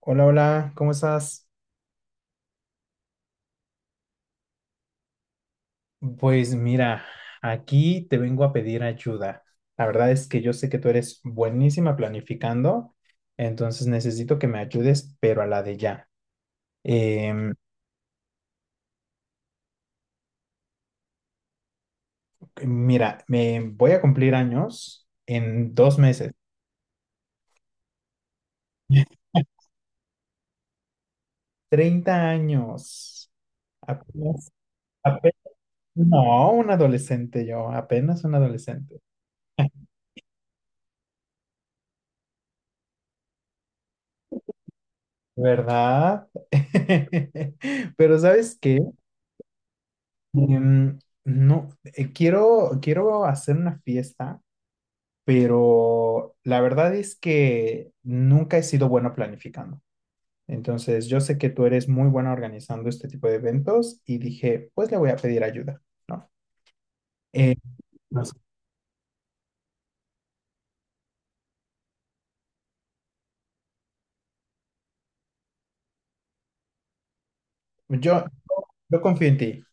Hola, hola, ¿cómo estás? Pues mira, aquí te vengo a pedir ayuda. La verdad es que yo sé que tú eres buenísima planificando, entonces necesito que me ayudes, pero a la de ya. Em, Mira, me voy a cumplir años en 2 meses. 30 años. Apenas, ape- no, un adolescente yo, apenas un adolescente, ¿verdad? Pero ¿sabes qué? Em, no, quiero hacer una fiesta, pero la verdad es que nunca he sido bueno planificando. Entonces, yo sé que tú eres muy buena organizando este tipo de eventos y dije, pues le voy a pedir ayuda, ¿no? Eh, No sé. yo, yo confío en ti.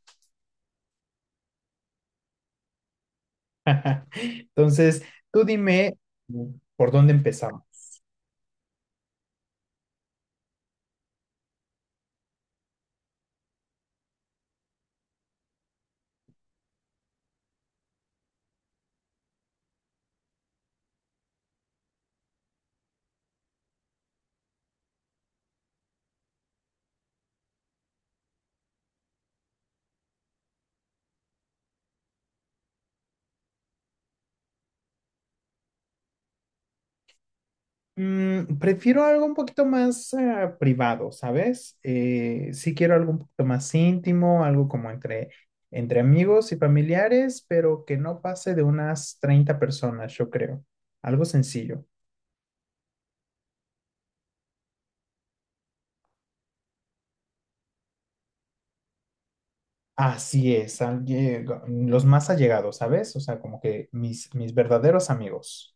Entonces, tú dime, mm, por dónde empezamos. Prefiero algo un poquito más privado, ¿sabes? Sí quiero algo un poquito más íntimo, algo como entre amigos y familiares, pero que no pase de unas 30 personas, yo creo. Algo sencillo. Así es, los más allegados, ¿sabes? O sea, como que mis verdaderos amigos.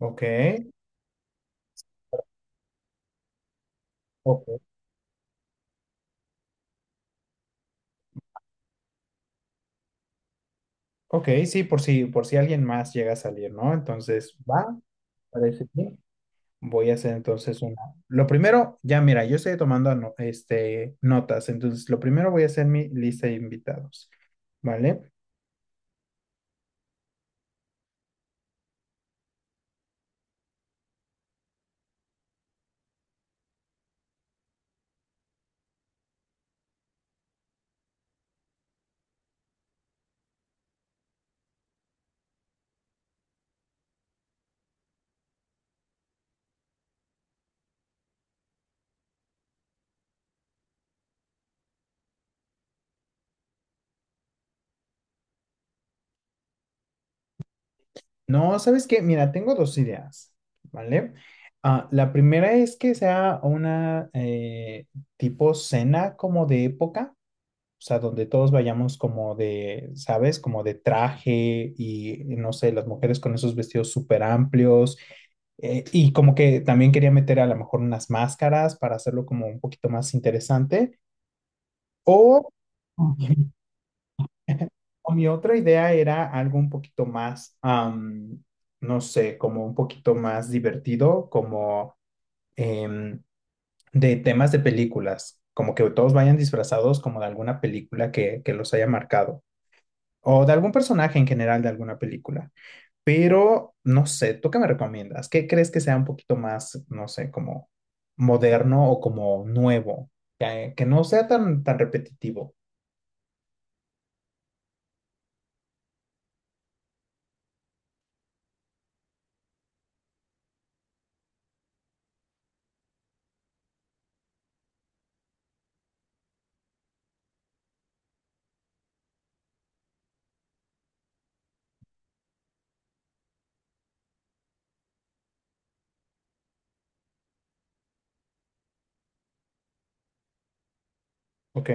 Ok. Ok, ok, sí, por si alguien más llega a salir, ¿no? Entonces, va, parece bien. Voy a hacer entonces una. Lo primero, ya mira, yo estoy tomando este, notas, entonces lo primero voy a hacer mi lista de invitados, ¿vale? No, ¿sabes qué? Mira, tengo dos ideas, ¿vale? Ah, la primera es que sea una tipo cena como de época, o sea, donde todos vayamos como de, ¿sabes? Como de traje y, no sé, las mujeres con esos vestidos súper amplios. Y como que también quería meter a lo mejor unas máscaras para hacerlo como un poquito más interesante. O, o mi otra idea era algo un poquito más, no sé, como un poquito más divertido, como em, de temas de películas, como que todos vayan disfrazados como de alguna película que los haya marcado o de algún personaje en general de alguna película. Pero no sé, ¿tú qué me recomiendas? ¿Qué crees que sea un poquito más, no sé, como moderno o como nuevo? Que no sea tan repetitivo. Ok,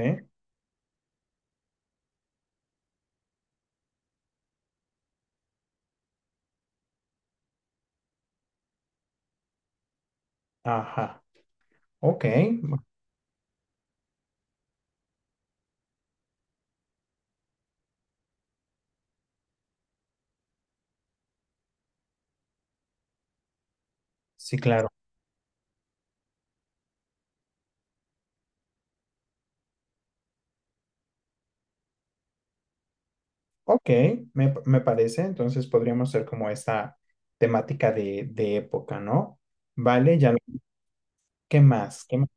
ajá, ok, bu- sí, claro. Ok, me parece, entonces podríamos ser como esta temática de época, ¿no? Vale, ya, ¿qué más? ¿Qué más?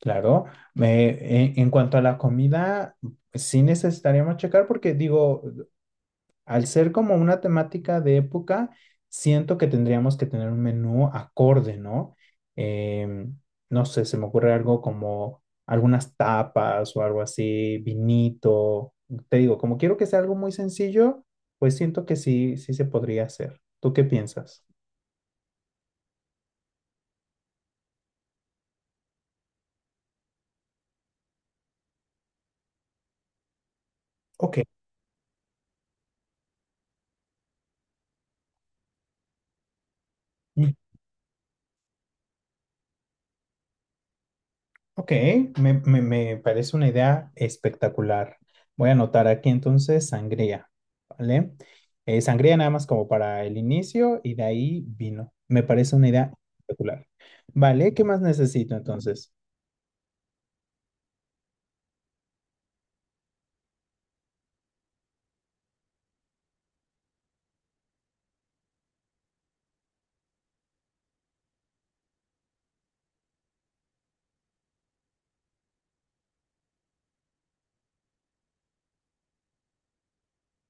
Claro, en cuanto a la comida, sí necesitaríamos checar porque digo, al ser como una temática de época, siento que tendríamos que tener un menú acorde, ¿no? Em, no sé, se me ocurre algo como algunas tapas o algo así, vinito. Te digo, como quiero que sea algo muy sencillo, pues siento que sí se podría hacer. ¿Tú qué piensas? Ok. Ok, me parece una idea espectacular. Voy a anotar aquí entonces sangría, ¿vale? Sangría nada más como para el inicio y de ahí vino. Me parece una idea espectacular. ¿Vale? ¿Qué más necesito entonces?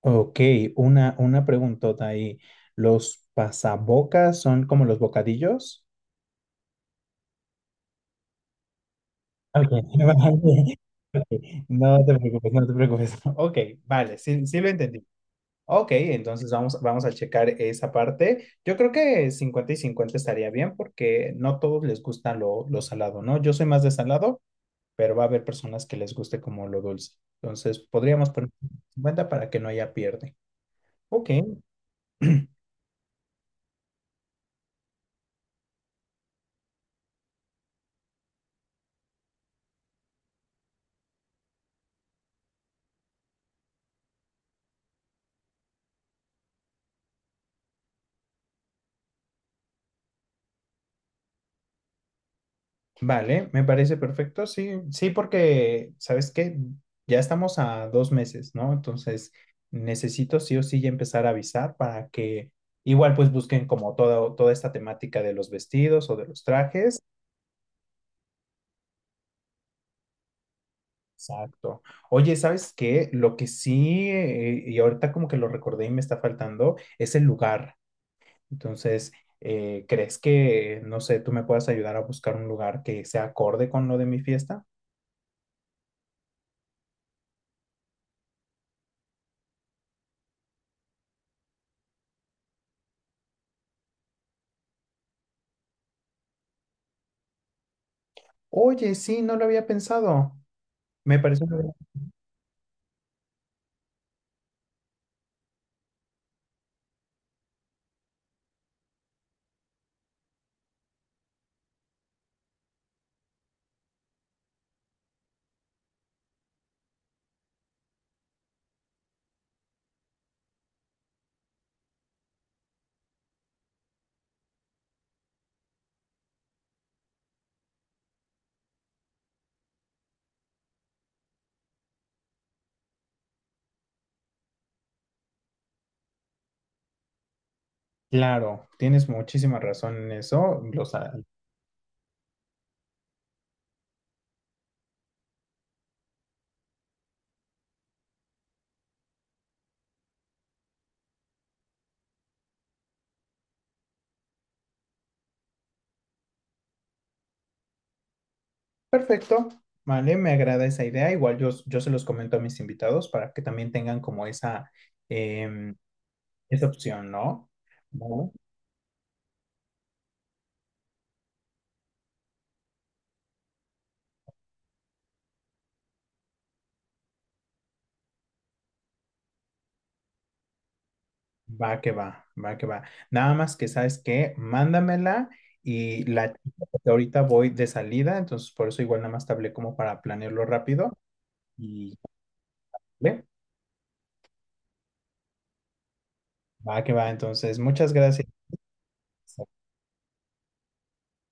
Ok, una preguntota ahí. ¿Los pasabocas son como los bocadillos? Ok, vale. Ok, no te preocupes, no te preocupes. Ok, vale, sí lo entendí. Ok, entonces vamos a checar esa parte. Yo creo que 50 y 50 estaría bien porque no todos les gusta lo salado, ¿no? Yo soy más de salado, pero va a haber personas que les guste como lo dulce. Entonces podríamos poner 50 para que no haya pierde. Ok, vale, me parece perfecto. Sí, sí, porque, ¿sabes qué? Ya estamos a 2 meses, ¿no? Entonces necesito sí o sí ya empezar a avisar para que igual pues busquen como toda esta temática de los vestidos o de los trajes. Exacto. Oye, ¿sabes qué? Lo que sí, y ahorita como que lo recordé y me está faltando, es el lugar. Entonces, ¿crees que, no sé, tú me puedas ayudar a buscar un lugar que sea acorde con lo de mi fiesta? Oye, sí, no lo había pensado. Me parece muy bien. Claro, tienes muchísima razón en eso. Perfecto, vale, me agrada esa idea. Igual yo se los comento a mis invitados para que también tengan como em, esa opción, ¿no? ¿No? Va que va, va que va. Nada más que sabes que mándamela y la chica, porque ahorita voy de salida, entonces por eso igual nada más te hablé como para planearlo rápido y ¿vale? Va que va. Entonces, muchas gracias.